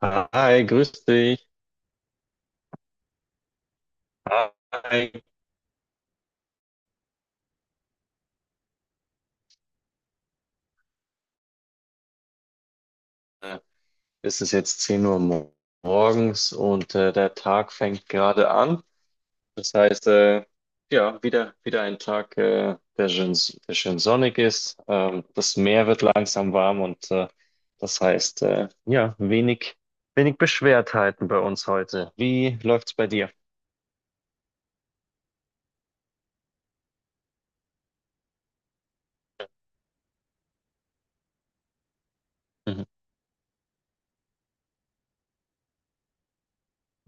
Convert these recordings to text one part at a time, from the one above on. Hi, grüß dich. Hi. Äh, Es ist jetzt 10 Uhr morgens und der Tag fängt gerade an. Das heißt, ja, wieder ein Tag, der schön sonnig ist. Das Meer wird langsam warm und das heißt, ja, wenig Beschwertheiten bei uns heute. Wie läuft's bei dir? Mhm.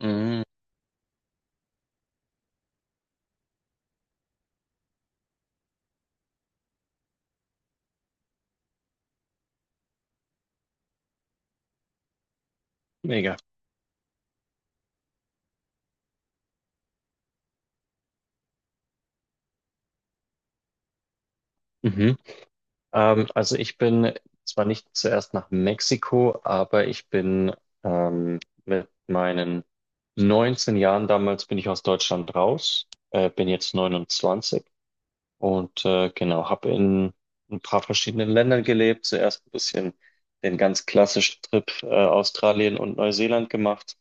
Mhm. Mega. Also ich bin zwar nicht zuerst nach Mexiko, aber ich bin ähm, mit meinen 19 Jahren damals bin ich aus Deutschland raus, bin jetzt 29 und genau, habe in ein paar verschiedenen Ländern gelebt. Zuerst ein bisschen den ganz klassischen Trip, Australien und Neuseeland gemacht,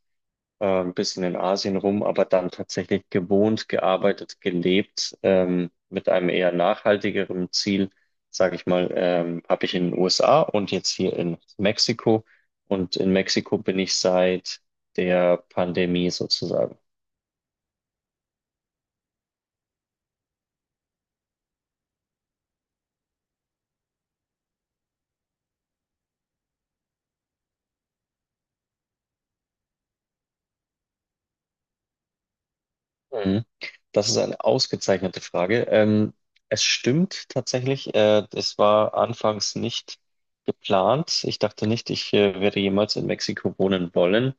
ein bisschen in Asien rum, aber dann tatsächlich gewohnt, gearbeitet, gelebt, mit einem eher nachhaltigeren Ziel, sage ich mal. Habe ich in den USA und jetzt hier in Mexiko. Und in Mexiko bin ich seit der Pandemie sozusagen. Mhm. Das ist eine ausgezeichnete Frage. Es stimmt tatsächlich, es war anfangs nicht geplant. Ich dachte nicht, ich werde jemals in Mexiko wohnen wollen.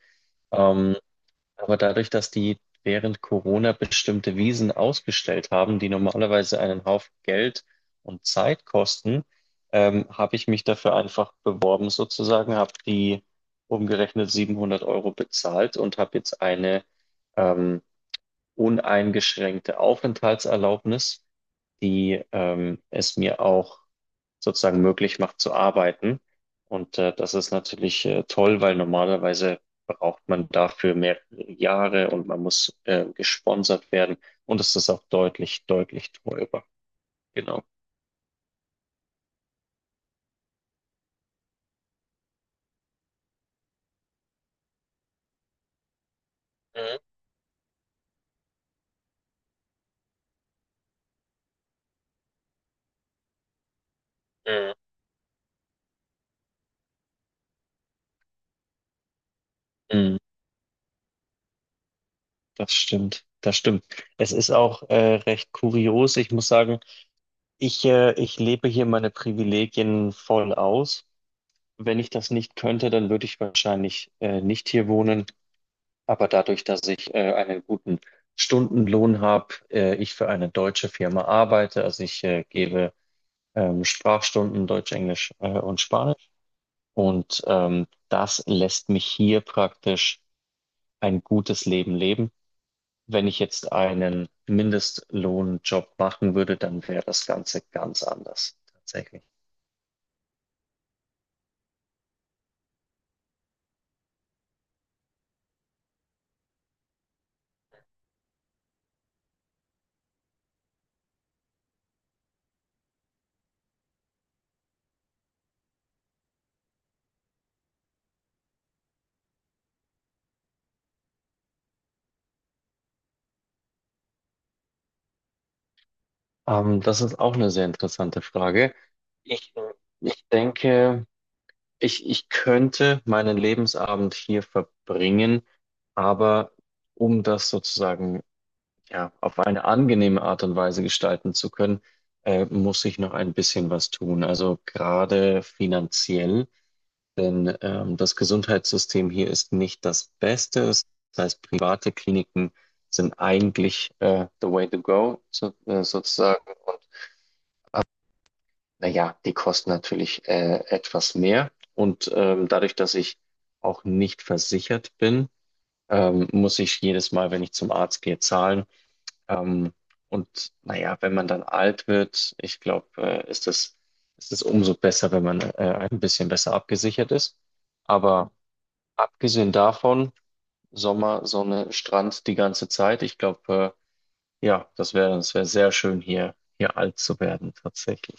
Ähm, Aber dadurch, dass die während Corona bestimmte Wiesen ausgestellt haben, die normalerweise einen Haufen Geld und Zeit kosten, habe ich mich dafür einfach beworben sozusagen, habe die umgerechnet 700 Euro bezahlt und habe jetzt eine ähm, uneingeschränkte Aufenthaltserlaubnis, die es mir auch sozusagen möglich macht zu arbeiten. Und das ist natürlich toll, weil normalerweise braucht man dafür mehrere Jahre und man muss gesponsert werden. Und es ist auch deutlich, deutlich teurer. Genau. Mhm. Mhm. Mhm. Das stimmt. Das stimmt. Es ist auch recht kurios. Ich muss sagen, ich lebe hier meine Privilegien voll aus. Wenn ich das nicht könnte, dann würde ich wahrscheinlich nicht hier wohnen. Aber dadurch, dass ich einen guten Stundenlohn habe, ich für eine deutsche Firma arbeite, also ich gebe Sprachstunden Deutsch, Englisch und Spanisch. Und das lässt mich hier praktisch ein gutes Leben leben. Wenn ich jetzt einen Mindestlohnjob machen würde, dann wäre das Ganze ganz anders, tatsächlich. Das ist auch eine sehr interessante Frage. Ich, äh, ich denke, ich könnte meinen Lebensabend hier verbringen, aber um das sozusagen ja auf eine angenehme Art und Weise gestalten zu können, muss ich noch ein bisschen was tun. Also gerade finanziell, denn das Gesundheitssystem hier ist nicht das Beste. Das heißt, private Kliniken sind eigentlich, the way to go, so, sozusagen. Naja, die kosten natürlich etwas mehr. Und dadurch, dass ich auch nicht versichert bin, muss ich jedes Mal, wenn ich zum Arzt gehe, zahlen. Ähm, und naja, wenn man dann alt wird, ich glaube, ist es umso besser, wenn man ein bisschen besser abgesichert ist. Aber abgesehen davon, Sommer, Sonne, Strand die ganze Zeit, ich glaube, ja, das wäre sehr schön, hier alt zu werden, tatsächlich.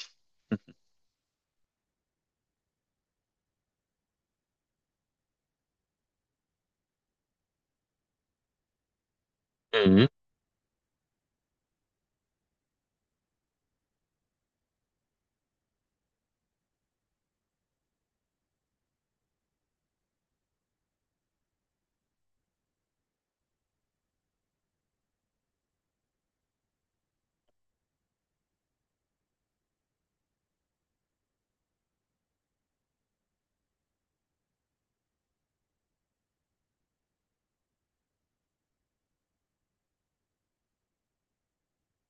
Mhm.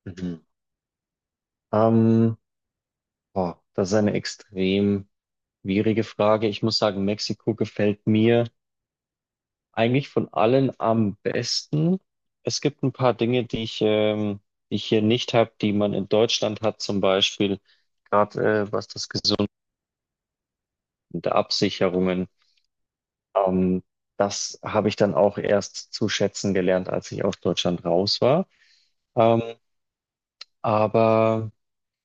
Mhm. Ähm, oh, das ist eine extrem schwierige Frage. Ich muss sagen, Mexiko gefällt mir eigentlich von allen am besten. Es gibt ein paar Dinge, die ich hier nicht habe, die man in Deutschland hat, zum Beispiel gerade, was das Gesundheit der Absicherungen. Ähm, das habe ich dann auch erst zu schätzen gelernt, als ich aus Deutschland raus war. Ähm, aber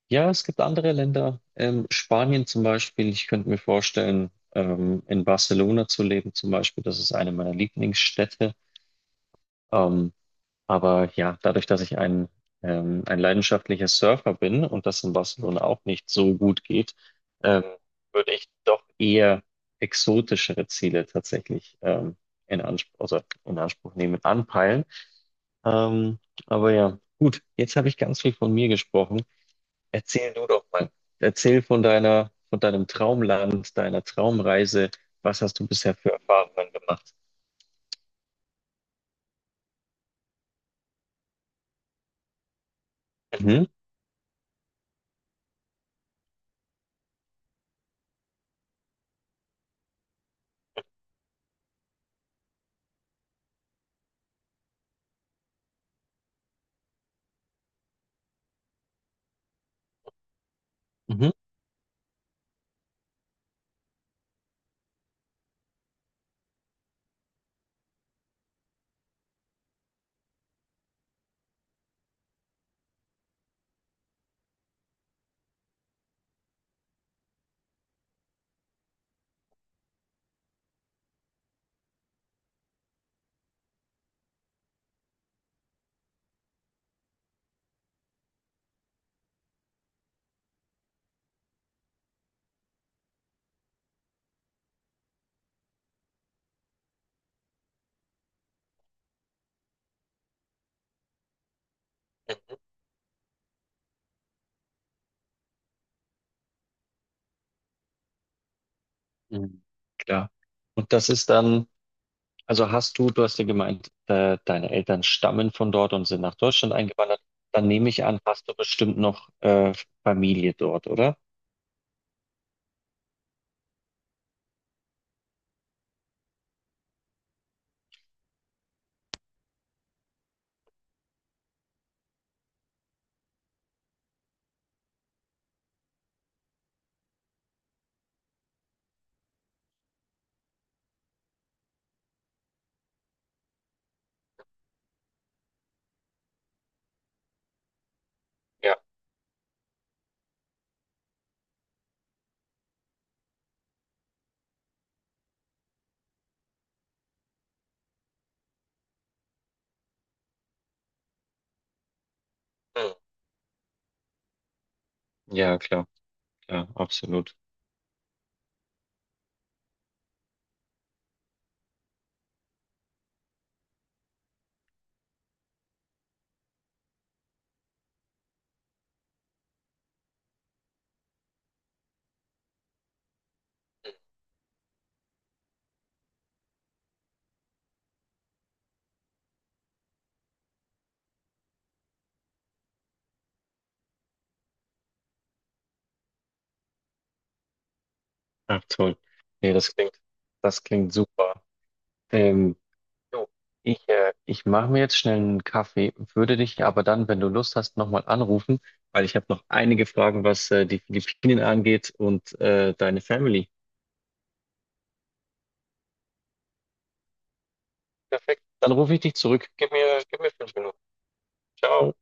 ja, es gibt andere Länder, Spanien zum Beispiel. Ich könnte mir vorstellen, in Barcelona zu leben zum Beispiel. Das ist eine meiner Lieblingsstädte. Ähm, aber ja, dadurch, dass ich ein leidenschaftlicher Surfer bin und das in Barcelona auch nicht so gut geht, ähm, würde ich doch eher exotischere Ziele tatsächlich in Anspruch, also in Anspruch nehmen, anpeilen. Ähm, aber ja, gut, jetzt habe ich ganz viel von mir gesprochen. Erzähl du doch mal. Erzähl von deinem Traumland, deiner Traumreise. Was hast du bisher für Erfahrungen gemacht? Mhm, mhm, mhm. Klar. Und das ist dann, also du hast ja gemeint, deine Eltern stammen von dort und sind nach Deutschland eingewandert. Dann nehme ich an, hast du bestimmt noch Familie dort, oder? Ja. Mhm. Ja, klar, klar, absolut. Ach, toll. Nee, das klingt, super. Ähm, Jo. Ich mache mir jetzt schnell einen Kaffee, würde dich aber dann, wenn du Lust hast, nochmal anrufen, weil ich habe noch einige Fragen, was die Philippinen angeht und deine Family. Perfekt. Dann rufe ich dich zurück. Gib mir 5 Minuten. Ciao.